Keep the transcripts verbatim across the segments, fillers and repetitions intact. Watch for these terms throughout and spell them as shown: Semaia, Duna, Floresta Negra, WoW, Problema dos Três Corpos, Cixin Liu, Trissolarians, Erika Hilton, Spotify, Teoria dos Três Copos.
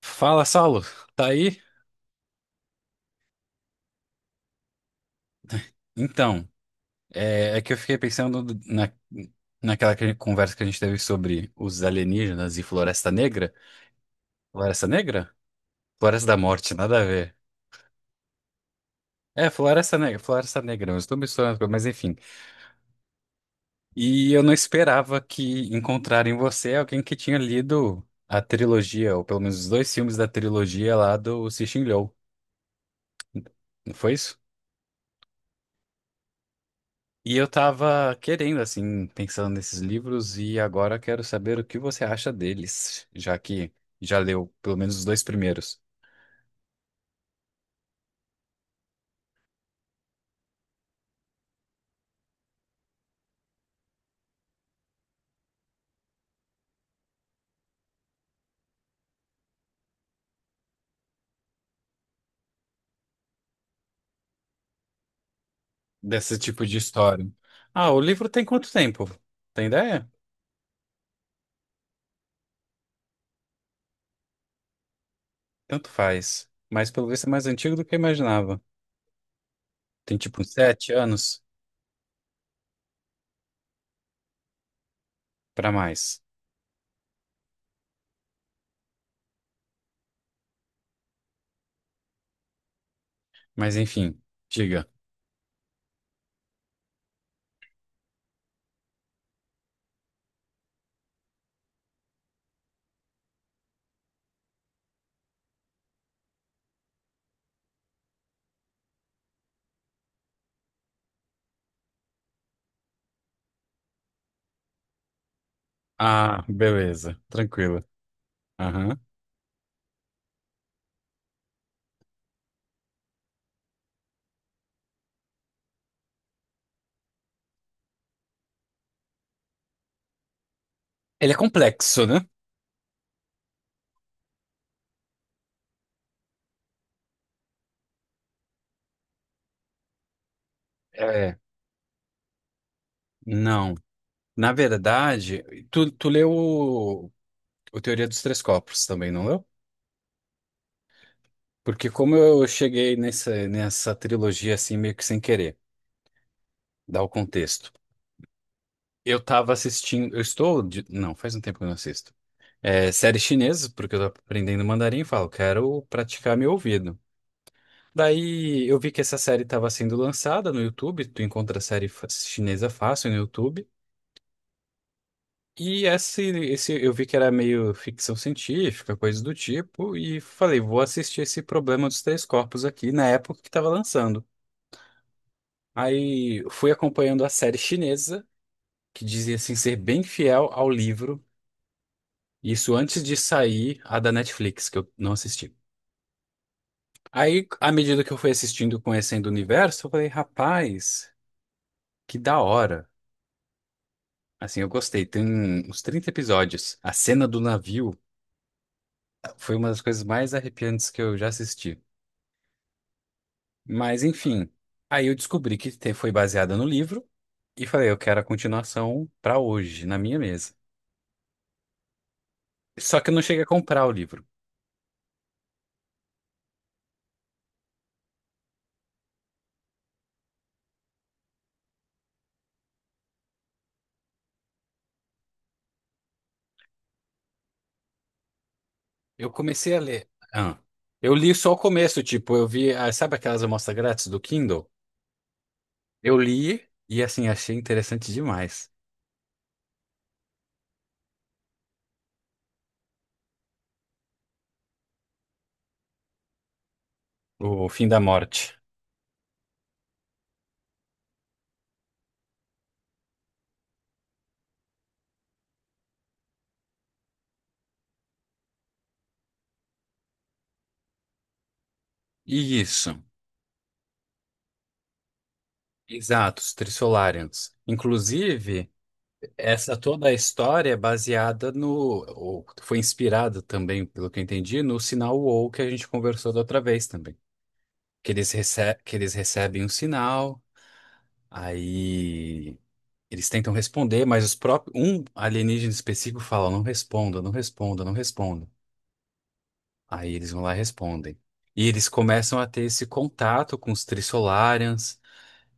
Fala, Saulo, tá aí? Então, é, é que eu fiquei pensando na, naquela que- conversa que a gente teve sobre os alienígenas e Floresta Negra. Floresta Negra? Floresta da Morte, nada a ver. É, Floresta Negra, Floresta Negra, eu estou misturando, as coisas, mas enfim. E eu não esperava que encontrar em você alguém que tinha lido a trilogia, ou pelo menos os dois filmes da trilogia lá do Cixin Liu. Não foi isso? E eu tava querendo, assim, pensando nesses livros e agora quero saber o que você acha deles, já que já leu pelo menos os dois primeiros desse tipo de história. Ah, o livro tem quanto tempo? Tem ideia? Tanto faz. Mas pelo visto é mais antigo do que eu imaginava. Tem tipo uns sete anos pra mais. Mas enfim, diga. Ah, beleza. Tranquilo. Aham. Ele é complexo, né? É. Não. Na verdade, tu, tu leu. o Teoria dos Três Copos também, não leu? Porque como eu cheguei nessa, nessa trilogia assim meio que sem querer, dá o contexto. Eu tava assistindo, eu estou, de- não, faz um tempo que eu não assisto. É, série chinesa, porque eu tô aprendendo mandarim e falo, quero praticar meu ouvido. Daí eu vi que essa série estava sendo lançada no YouTube, tu encontra série fa- chinesa fácil no YouTube. E esse, esse eu vi que era meio ficção científica, coisa do tipo, e falei, vou assistir esse Problema dos Três Corpos aqui na época que estava lançando. Aí fui acompanhando a série chinesa, que dizia assim ser bem fiel ao livro, isso antes de sair a da Netflix, que eu não assisti. Aí, à medida que eu fui assistindo, conhecendo o universo, eu falei, rapaz, que da hora. Assim, eu gostei. Tem uns trinta episódios. A cena do navio foi uma das coisas mais arrepiantes que eu já assisti. Mas, enfim, aí eu descobri que te- foi baseada no livro e falei, eu quero a continuação pra hoje, na minha mesa. Só que eu não cheguei a comprar o livro. Eu comecei a ler. Ah. Eu li só o começo, tipo, eu vi, ah, sabe aquelas amostras grátis do Kindle? Eu li e assim achei interessante demais. O Fim da Morte. Isso. Exato, os Trissolarians. Inclusive, essa toda a história é baseada no, ou foi inspirada também, pelo que eu entendi, no sinal WoW que a gente conversou da outra vez também. Que eles, rece que eles recebem um sinal. Aí eles tentam responder, mas os próprios, um alienígena específico fala: não responda, não responda, não responda. Aí eles vão lá e respondem. E eles começam a ter esse contato com os Trissolarians,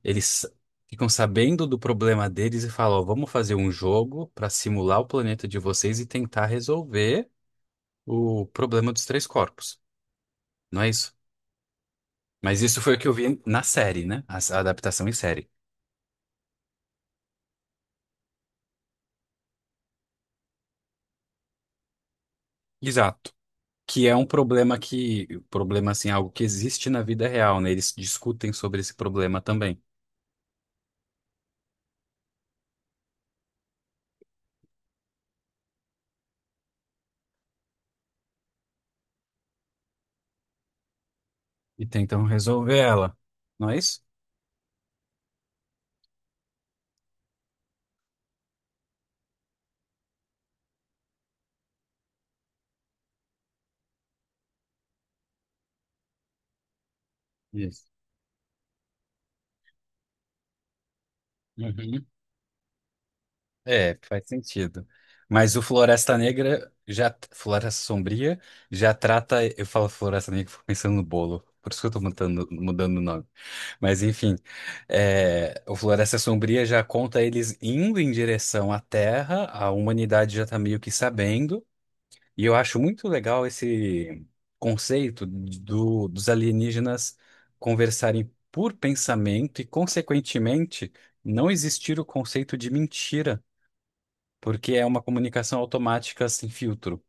eles ficam sabendo do problema deles e falam: ó, vamos fazer um jogo para simular o planeta de vocês e tentar resolver o problema dos três corpos. Não é isso? Mas isso foi o que eu vi na série, né? A a adaptação em série. Exato. Que é um problema que, problema assim, algo que existe na vida real, né? Eles discutem sobre esse problema também e tentam resolver ela, não é isso? Isso. Uhum. É, faz sentido. Mas o Floresta Negra já, Floresta Sombria já trata, eu falo Floresta Negra, fico pensando no bolo, por isso que eu tô mudando, mudando o nome. Mas enfim, é, o Floresta Sombria já conta eles indo em direção à Terra, a humanidade já tá meio que sabendo. E eu acho muito legal esse conceito do, dos alienígenas conversarem por pensamento e, consequentemente, não existir o conceito de mentira, porque é uma comunicação automática sem filtro.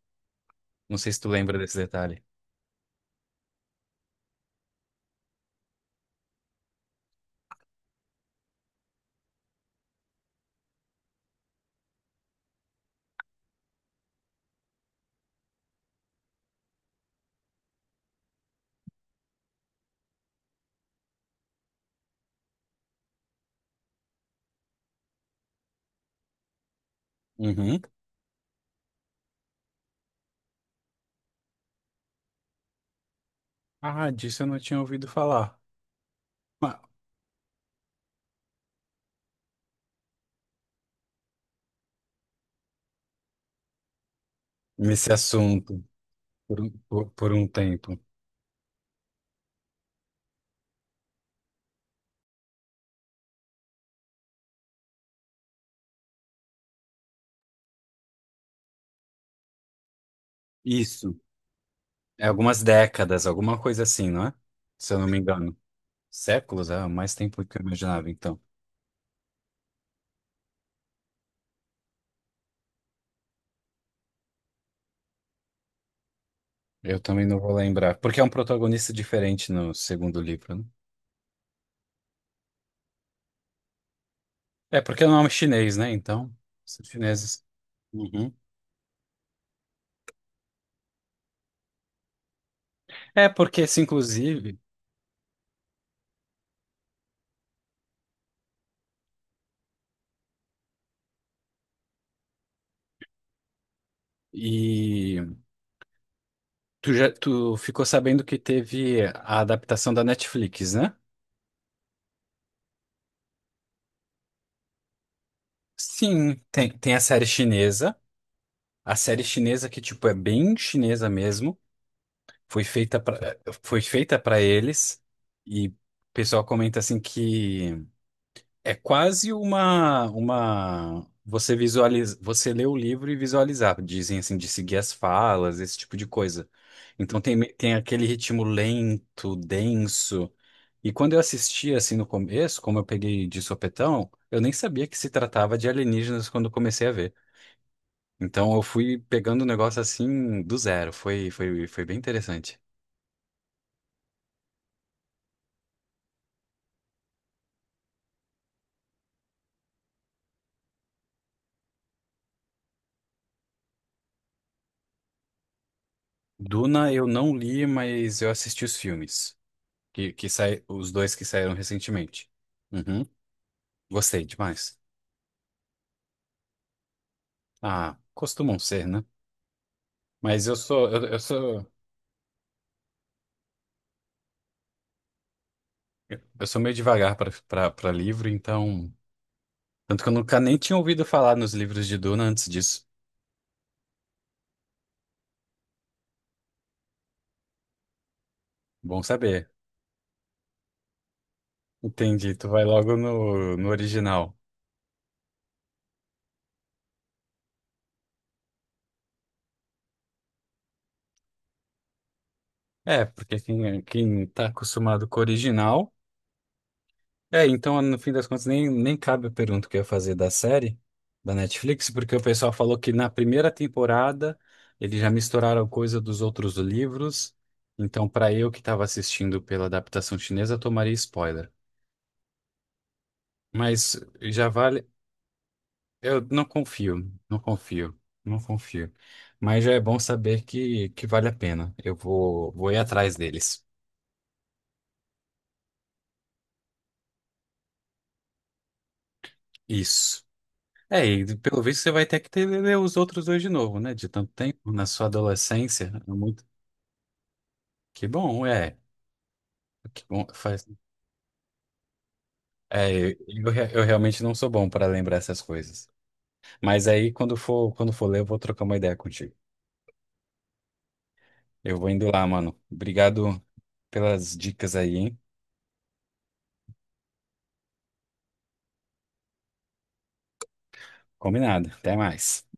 Não sei se tu lembra desse detalhe. Uhum. Ah, disso eu não tinha ouvido falar. Ah, nesse assunto, por um, por, por um tempo. Isso. É algumas décadas, alguma coisa assim, não é? Se eu não me engano. Séculos? É mais tempo do que eu imaginava, então. Eu também não vou lembrar. Porque é um protagonista diferente no segundo livro, né? É porque é um nome é chinês, né? Então, são chineses. Uhum. É porque esse, inclusive, e tu já tu ficou sabendo que teve a adaptação da Netflix, né? Sim, tem, tem a série chinesa. A série chinesa que, tipo, é bem chinesa mesmo. Foi feita pra, foi feita para eles. E o pessoal comenta assim que é quase uma, uma... Você visualiza, você lê o livro e visualizar, dizem assim, de seguir as falas, esse tipo de coisa. Então tem, me- tem aquele ritmo lento, denso. E quando eu assisti assim no começo, como eu peguei de sopetão, eu nem sabia que se tratava de alienígenas quando eu comecei a ver. Então eu fui pegando o negócio assim do zero. Foi, foi, foi bem interessante. Duna eu não li, mas eu assisti os filmes, que, que sai, os dois que saíram recentemente. Uhum. Gostei demais. Ah, costumam ser, né? Mas eu sou, eu, eu sou, eu sou meio devagar para livro, então. Tanto que eu nunca nem tinha ouvido falar nos livros de Duna antes disso. Bom saber. Entendi, tu vai logo no, no original. É, porque quem, é, quem tá acostumado com o original. É, então, no fim das contas, nem, nem cabe a pergunta que eu ia fazer da série, da Netflix, porque o pessoal falou que na primeira temporada eles já misturaram coisa dos outros livros. Então, para eu que estava assistindo pela adaptação chinesa, eu tomaria spoiler. Mas já vale. Eu não confio, não confio, não confio. Mas já é bom saber que, que vale a pena. Eu vou, vou ir atrás deles. Isso. É, e pelo visto você vai ter que ter, ler os outros dois de novo, né? De tanto tempo, na sua adolescência. Né, é Muito... Que bom, é. Que bom, faz... É, eu, eu re- eu realmente não sou bom para lembrar essas coisas. Mas aí, quando for, quando for ler, eu vou trocar uma ideia contigo. Eu vou indo lá, mano. Obrigado pelas dicas aí, hein? Combinado. Até mais.